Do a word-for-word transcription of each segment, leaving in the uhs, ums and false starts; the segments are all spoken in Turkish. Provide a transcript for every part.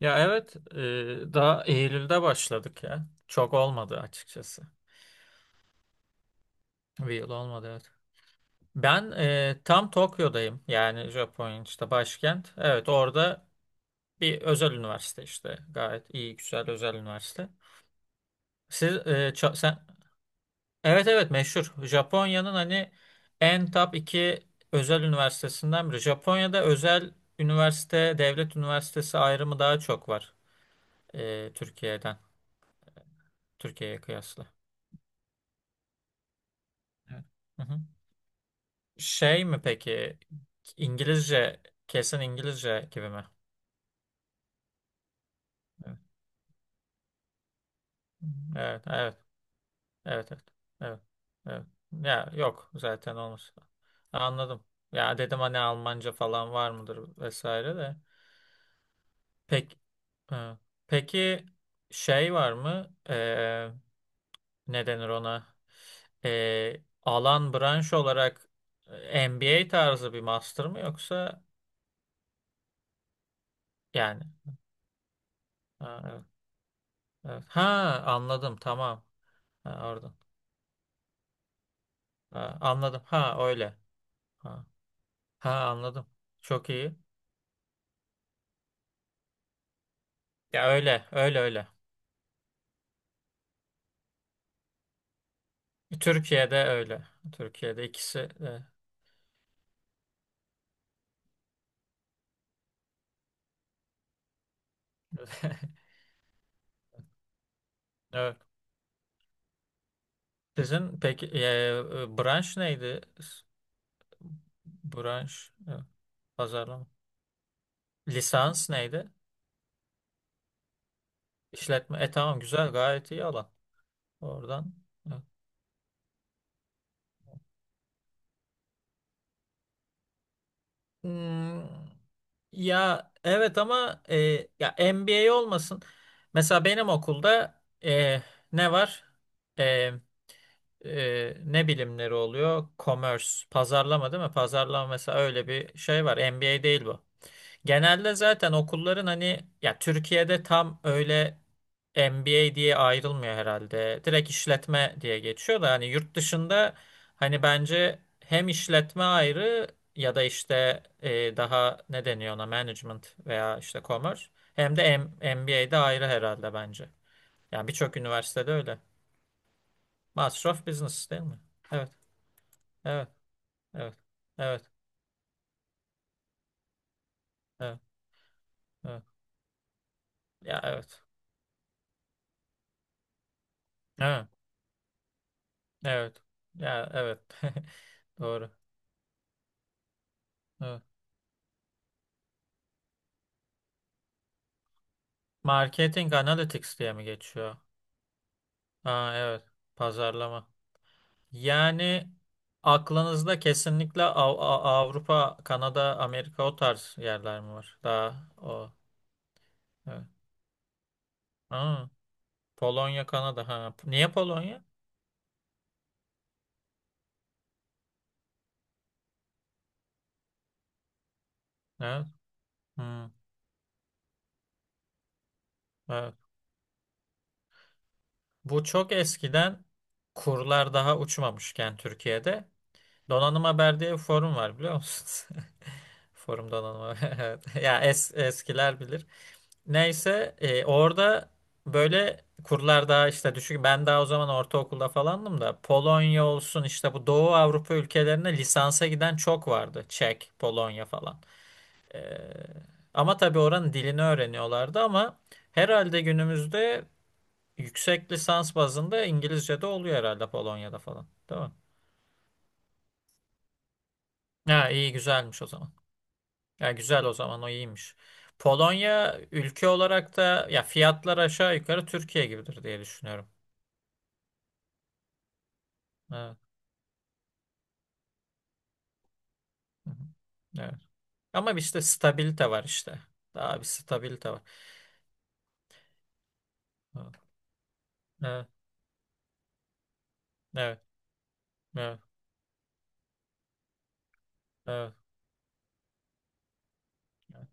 Ya evet, e, daha Eylül'de başladık ya. Çok olmadı açıkçası. Bir yıl olmadı evet. Ben e, tam Tokyo'dayım. Yani Japonya'nın işte başkent. Evet, orada bir özel üniversite işte. Gayet iyi, güzel özel üniversite. Siz, e, ça- sen, Evet, evet, meşhur. Japonya'nın hani en top iki özel üniversitesinden biri. Japonya'da özel üniversite, devlet üniversitesi ayrımı daha çok var e, Türkiye'den. Türkiye'ye kıyasla. Evet. Hı hı. Şey mi peki? İngilizce, kesin İngilizce gibi mi? Evet, evet, evet, evet, evet, evet, evet. Ya yok zaten olmaz. Anladım. Ya dedim hani Almanca falan var mıdır vesaire de. Pek, e, peki, şey var mı? E, ne denir ona? E, alan branş olarak e, M B A tarzı bir master mı yoksa yani? Ha, evet, evet. Ha, anladım, tamam. Ha, orada. Ha, anladım. Ha öyle. Ha. Ha, anladım. Çok iyi. Ya öyle, öyle öyle. Türkiye'de öyle. Türkiye'de ikisi de. Evet. Sizin peki e, e, branş neydi? S- Branş, e, pazarlama. Lisans neydi? İşletme. E tamam, güzel, gayet iyi alan. Oradan. Evet. Hmm, ya evet ama e, ya M B A olmasın. Mesela benim okulda e, ne var? E, e, Ne bilimleri oluyor? Commerce, pazarlama değil mi? Pazarlama mesela öyle bir şey var. M B A değil bu. Genelde zaten okulların hani ya Türkiye'de tam öyle M B A diye ayrılmıyor herhalde. Direkt işletme diye geçiyor da hani yurt dışında hani bence hem işletme ayrı ya da işte e, daha ne deniyor ona management veya işte commerce hem de M- m b M B A'de ayrı herhalde bence. Yani birçok üniversitede öyle. Master of Business değil mi? Evet. Evet. Evet. Evet. Evet. Evet. Ya evet. Evet. Evet. Ya evet. Doğru. Evet. Marketing Analytics diye mi geçiyor? Aa, evet. Pazarlama. Yani aklınızda kesinlikle Av- Av- Avrupa, Kanada, Amerika o tarz yerler mi var? Daha o. Evet. Aa, Polonya, Kanada. Ha. Niye Polonya? Evet. Hmm, evet. Bu çok eskiden kurlar daha uçmamışken Türkiye'de Donanım Haber diye bir forum var biliyor musun? Forum Donanım Haber. Evet. Ya es, eskiler bilir. Neyse, e, orada böyle kurlar daha işte düşük. Ben daha o zaman ortaokulda falandım da Polonya olsun işte bu Doğu Avrupa ülkelerine lisansa giden çok vardı. Çek, Polonya falan. Ee, Ama tabii oranın dilini öğreniyorlardı ama herhalde günümüzde yüksek lisans bazında İngilizce de oluyor herhalde Polonya'da falan. Değil mi? Ha, iyi güzelmiş o zaman. Ya güzel o zaman, o iyiymiş. Polonya ülke olarak da ya fiyatlar aşağı yukarı Türkiye gibidir diye düşünüyorum. Evet. Hı hı. Evet. Ama işte stabilite var işte. Daha bir stabilite var. Evet. Evet. Evet. Evet. Evet.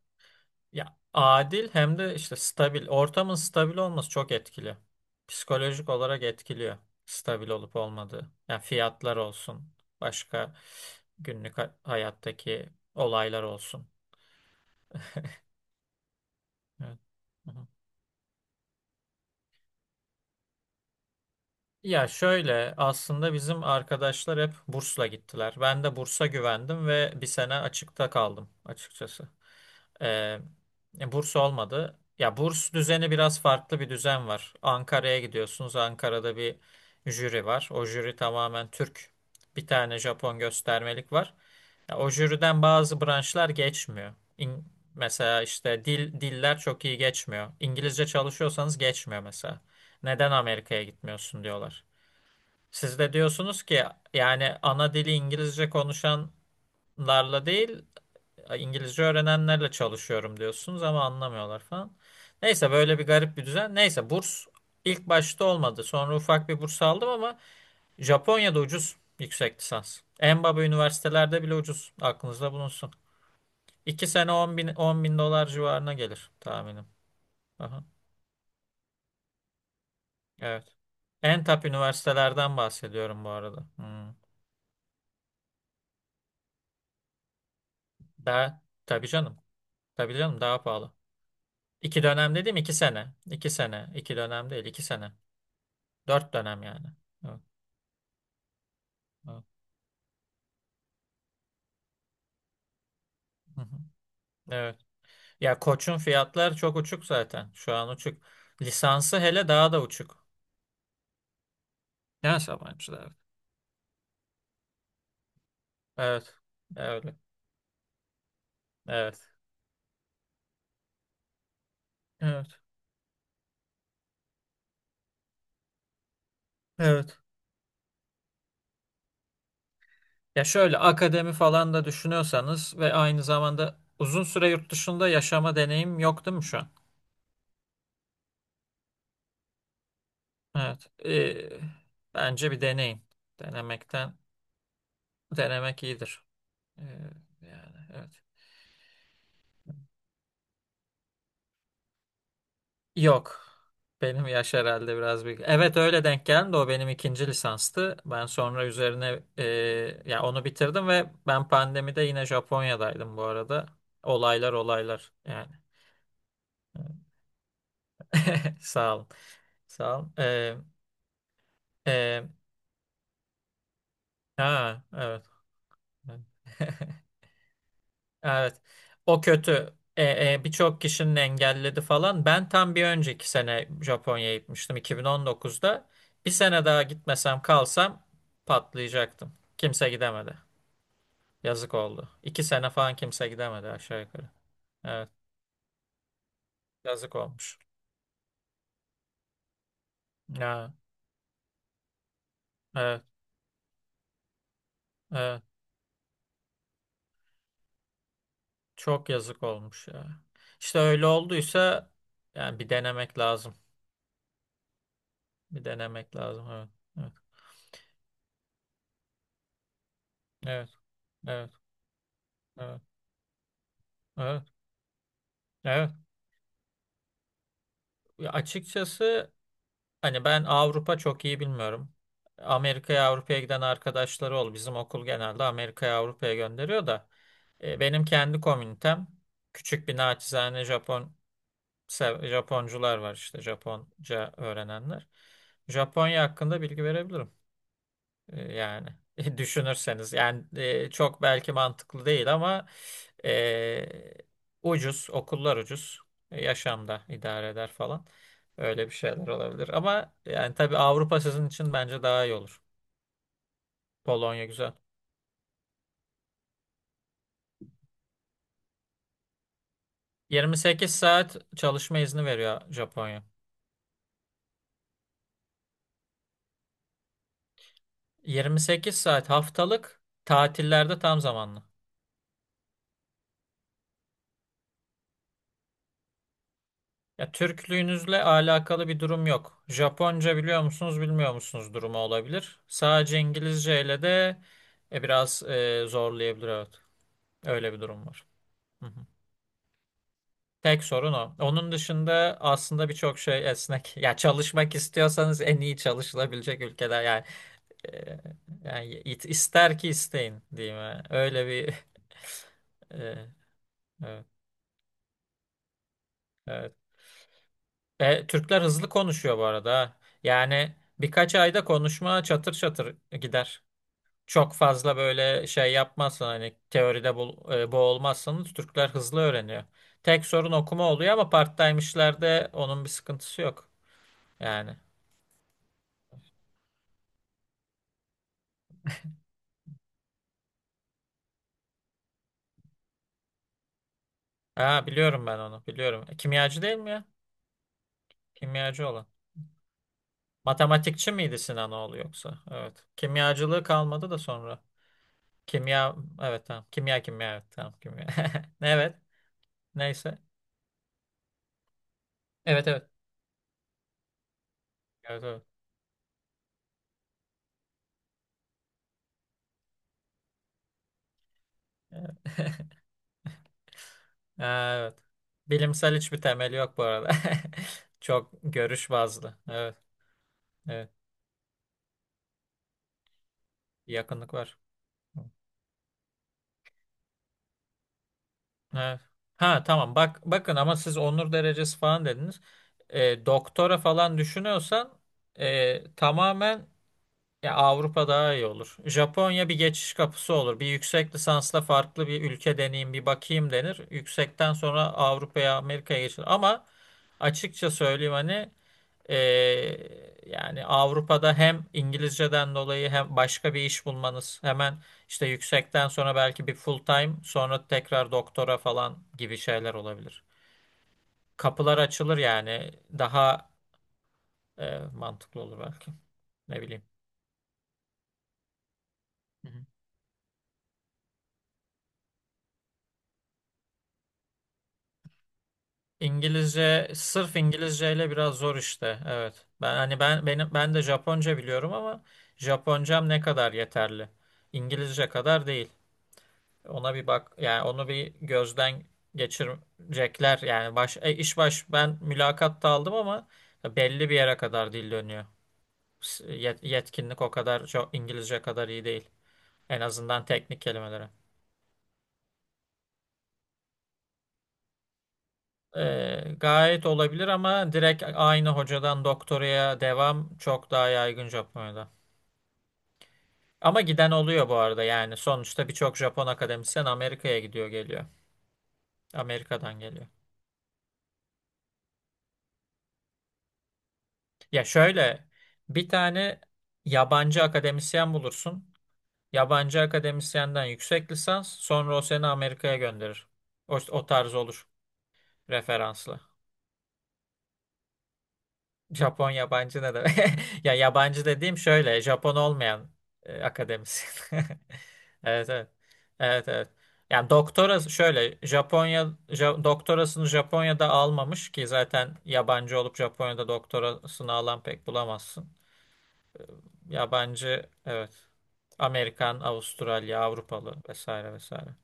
Ya adil hem de işte stabil. Ortamın stabil olması çok etkili. Psikolojik olarak etkiliyor. Stabil olup olmadığı. Yani fiyatlar olsun. Başka günlük ha- hayattaki olaylar olsun. Evet. Hı hı. Ya şöyle, aslında bizim arkadaşlar hep bursla gittiler. Ben de bursa güvendim ve bir sene açıkta kaldım açıkçası. Ee, e, Burs olmadı. Ya burs düzeni biraz farklı bir düzen var. Ankara'ya gidiyorsunuz. Ankara'da bir jüri var. O jüri tamamen Türk. Bir tane Japon göstermelik var. Ya, o jüriden bazı branşlar geçmiyor. İn- Mesela işte dil diller çok iyi geçmiyor. İngilizce çalışıyorsanız geçmiyor mesela. Neden Amerika'ya gitmiyorsun diyorlar. Siz de diyorsunuz ki yani ana dili İngilizce konuşanlarla değil ya İngilizce öğrenenlerle çalışıyorum diyorsunuz ama anlamıyorlar falan. Neyse, böyle bir garip bir düzen. Neyse, burs ilk başta olmadı. Sonra ufak bir burs aldım ama Japonya'da ucuz yüksek lisans. En baba üniversitelerde bile ucuz. Aklınızda bulunsun. iki sene on bin, on bin dolar civarına gelir tahminim. Aha, evet. En top üniversitelerden bahsediyorum bu arada. Hmm. Daha, tabii canım. Tabii canım, daha pahalı. iki dönem dediğim iki sene. iki sene. iki dönem değil iki sene. Dört dönem yani. Evet. Hı hı. Evet. Ya Koç'un fiyatlar çok uçuk zaten. Şu an uçuk. Lisansı hele daha da uçuk. Neyse, yabancı da evet. Evet. Öyle. Evet. Evet. Evet. Ya şöyle, akademi falan da düşünüyorsanız ve aynı zamanda uzun süre yurt dışında yaşama deneyim yok değil mi şu an? Evet. Ee, bence bir deneyin. Denemekten denemek iyidir. Ee, Yani evet. Yok. Benim yaş herhalde biraz büyük. Evet, öyle denk geldi. O benim ikinci lisanstı. Ben sonra üzerine e, ya onu bitirdim ve ben pandemide yine Japonya'daydım bu arada. Olaylar olaylar yani. Sağ olun. Sağ olun. E, e, ha, evet. Evet. O kötü. E, e, birçok kişinin engelledi falan. Ben tam bir önceki sene Japonya'ya gitmiştim iki bin on dokuzda. Bir sene daha gitmesem, kalsam patlayacaktım. Kimse gidemedi. Yazık oldu. iki sene falan kimse gidemedi aşağı yukarı. Evet, yazık olmuş. Ya, evet, evet. Çok yazık olmuş ya. İşte öyle olduysa yani bir denemek lazım. Bir denemek lazım. Evet, evet, evet, evet, evet, evet, evet. Ya açıkçası, hani ben Avrupa çok iyi bilmiyorum. Amerika'ya Avrupa'ya giden arkadaşları ol. Bizim okul genelde Amerika'ya Avrupa'ya gönderiyor da e, benim kendi komünitem küçük bir naçizane Japon sev- Japoncular var işte Japonca öğrenenler. Japonya hakkında bilgi verebilirim. E, yani düşünürseniz yani e, çok belki mantıklı değil ama e, ucuz okullar ucuz. E, yaşamda idare eder falan, öyle bir şeyler olabilir ama yani tabii Avrupa sizin için bence daha iyi olur. Polonya güzel. yirmi sekiz saat çalışma izni veriyor Japonya. yirmi sekiz saat haftalık, tatillerde tam zamanlı. Ya Türklüğünüzle alakalı bir durum yok. Japonca biliyor musunuz, bilmiyor musunuz durumu olabilir. Sadece İngilizce ile de e, biraz e, zorlayabilir evet. Öyle bir durum var. Hı hı. Tek sorun o. Onun dışında aslında birçok şey esnek. Ya çalışmak istiyorsanız en iyi çalışılabilecek ülkeler yani, e, yani it- ister ki isteyin diyeyim. Yani. Öyle bir e, evet, evet. E, Türkler hızlı konuşuyor bu arada. Ha. Yani birkaç ayda konuşma çatır çatır gider. Çok fazla böyle şey yapmazsın hani, teoride bu, e, boğulmazsanız Türkler hızlı öğreniyor. Tek sorun okuma oluyor ama part-time'işlerde onun bir sıkıntısı yok. Yani. Ha, biliyorum, ben onu biliyorum. E, Kimyacı değil mi ya? Kimyacı olan. Matematikçi miydi Sinanoğlu yoksa? Evet. Kimyacılığı kalmadı da sonra. Kimya, evet, tamam. Kimya, kimya, evet, tamam, kimya. Evet, neyse. Evet, evet. Evet, evet. Ha, evet. Bilimsel hiçbir temeli yok bu arada. Çok görüş bazlı. Evet, evet. Bir yakınlık var. Evet. Ha, tamam, bak bakın ama siz onur derecesi falan dediniz. E, doktora falan düşünüyorsan e, tamamen ya Avrupa daha iyi olur. Japonya bir geçiş kapısı olur. Bir yüksek lisansla farklı bir ülke deneyim, bir bakayım denir. Yüksekten sonra Avrupa'ya Amerika'ya geçilir. Ama açıkça söyleyeyim hani, Ee, yani Avrupa'da hem İngilizceden dolayı hem başka bir iş bulmanız hemen işte yüksekten sonra belki bir full time sonra tekrar doktora falan gibi şeyler olabilir. Kapılar açılır yani, daha e, mantıklı olur belki. Ne bileyim. Hı hı. İngilizce sırf İngilizceyle biraz zor işte. Evet. Ben hani ben benim ben de Japonca biliyorum ama Japoncam ne kadar yeterli? İngilizce kadar değil. Ona bir bak yani onu bir gözden geçirecekler yani baş e, iş baş ben mülakatta aldım ama belli bir yere kadar dil dönüyor. S- yet- Yetkinlik o kadar çok İngilizce kadar iyi değil. En azından teknik kelimelere. Ee, gayet olabilir ama direkt aynı hocadan doktoraya devam çok daha yaygın Japonya'da. Ama giden oluyor bu arada yani sonuçta birçok Japon akademisyen Amerika'ya gidiyor geliyor. Amerika'dan geliyor. Ya şöyle, bir tane yabancı akademisyen bulursun. Yabancı akademisyenden yüksek lisans sonra o seni Amerika'ya gönderir. O, o tarz olur referanslı. Japon yabancı ne demek? Ya yabancı dediğim şöyle Japon olmayan e, akademisyen. Evet, evet. Evet, evet. Yani doktorası şöyle Japonya Ja- doktorasını Japonya'da almamış ki zaten yabancı olup Japonya'da doktorasını alan pek bulamazsın. Ya bence evet. Amerikan, Avustralya, Avrupalı vesaire vesaire.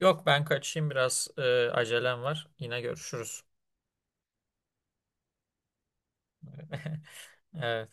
Yok ben kaçayım biraz e, acelem var. Yine görüşürüz. Evet.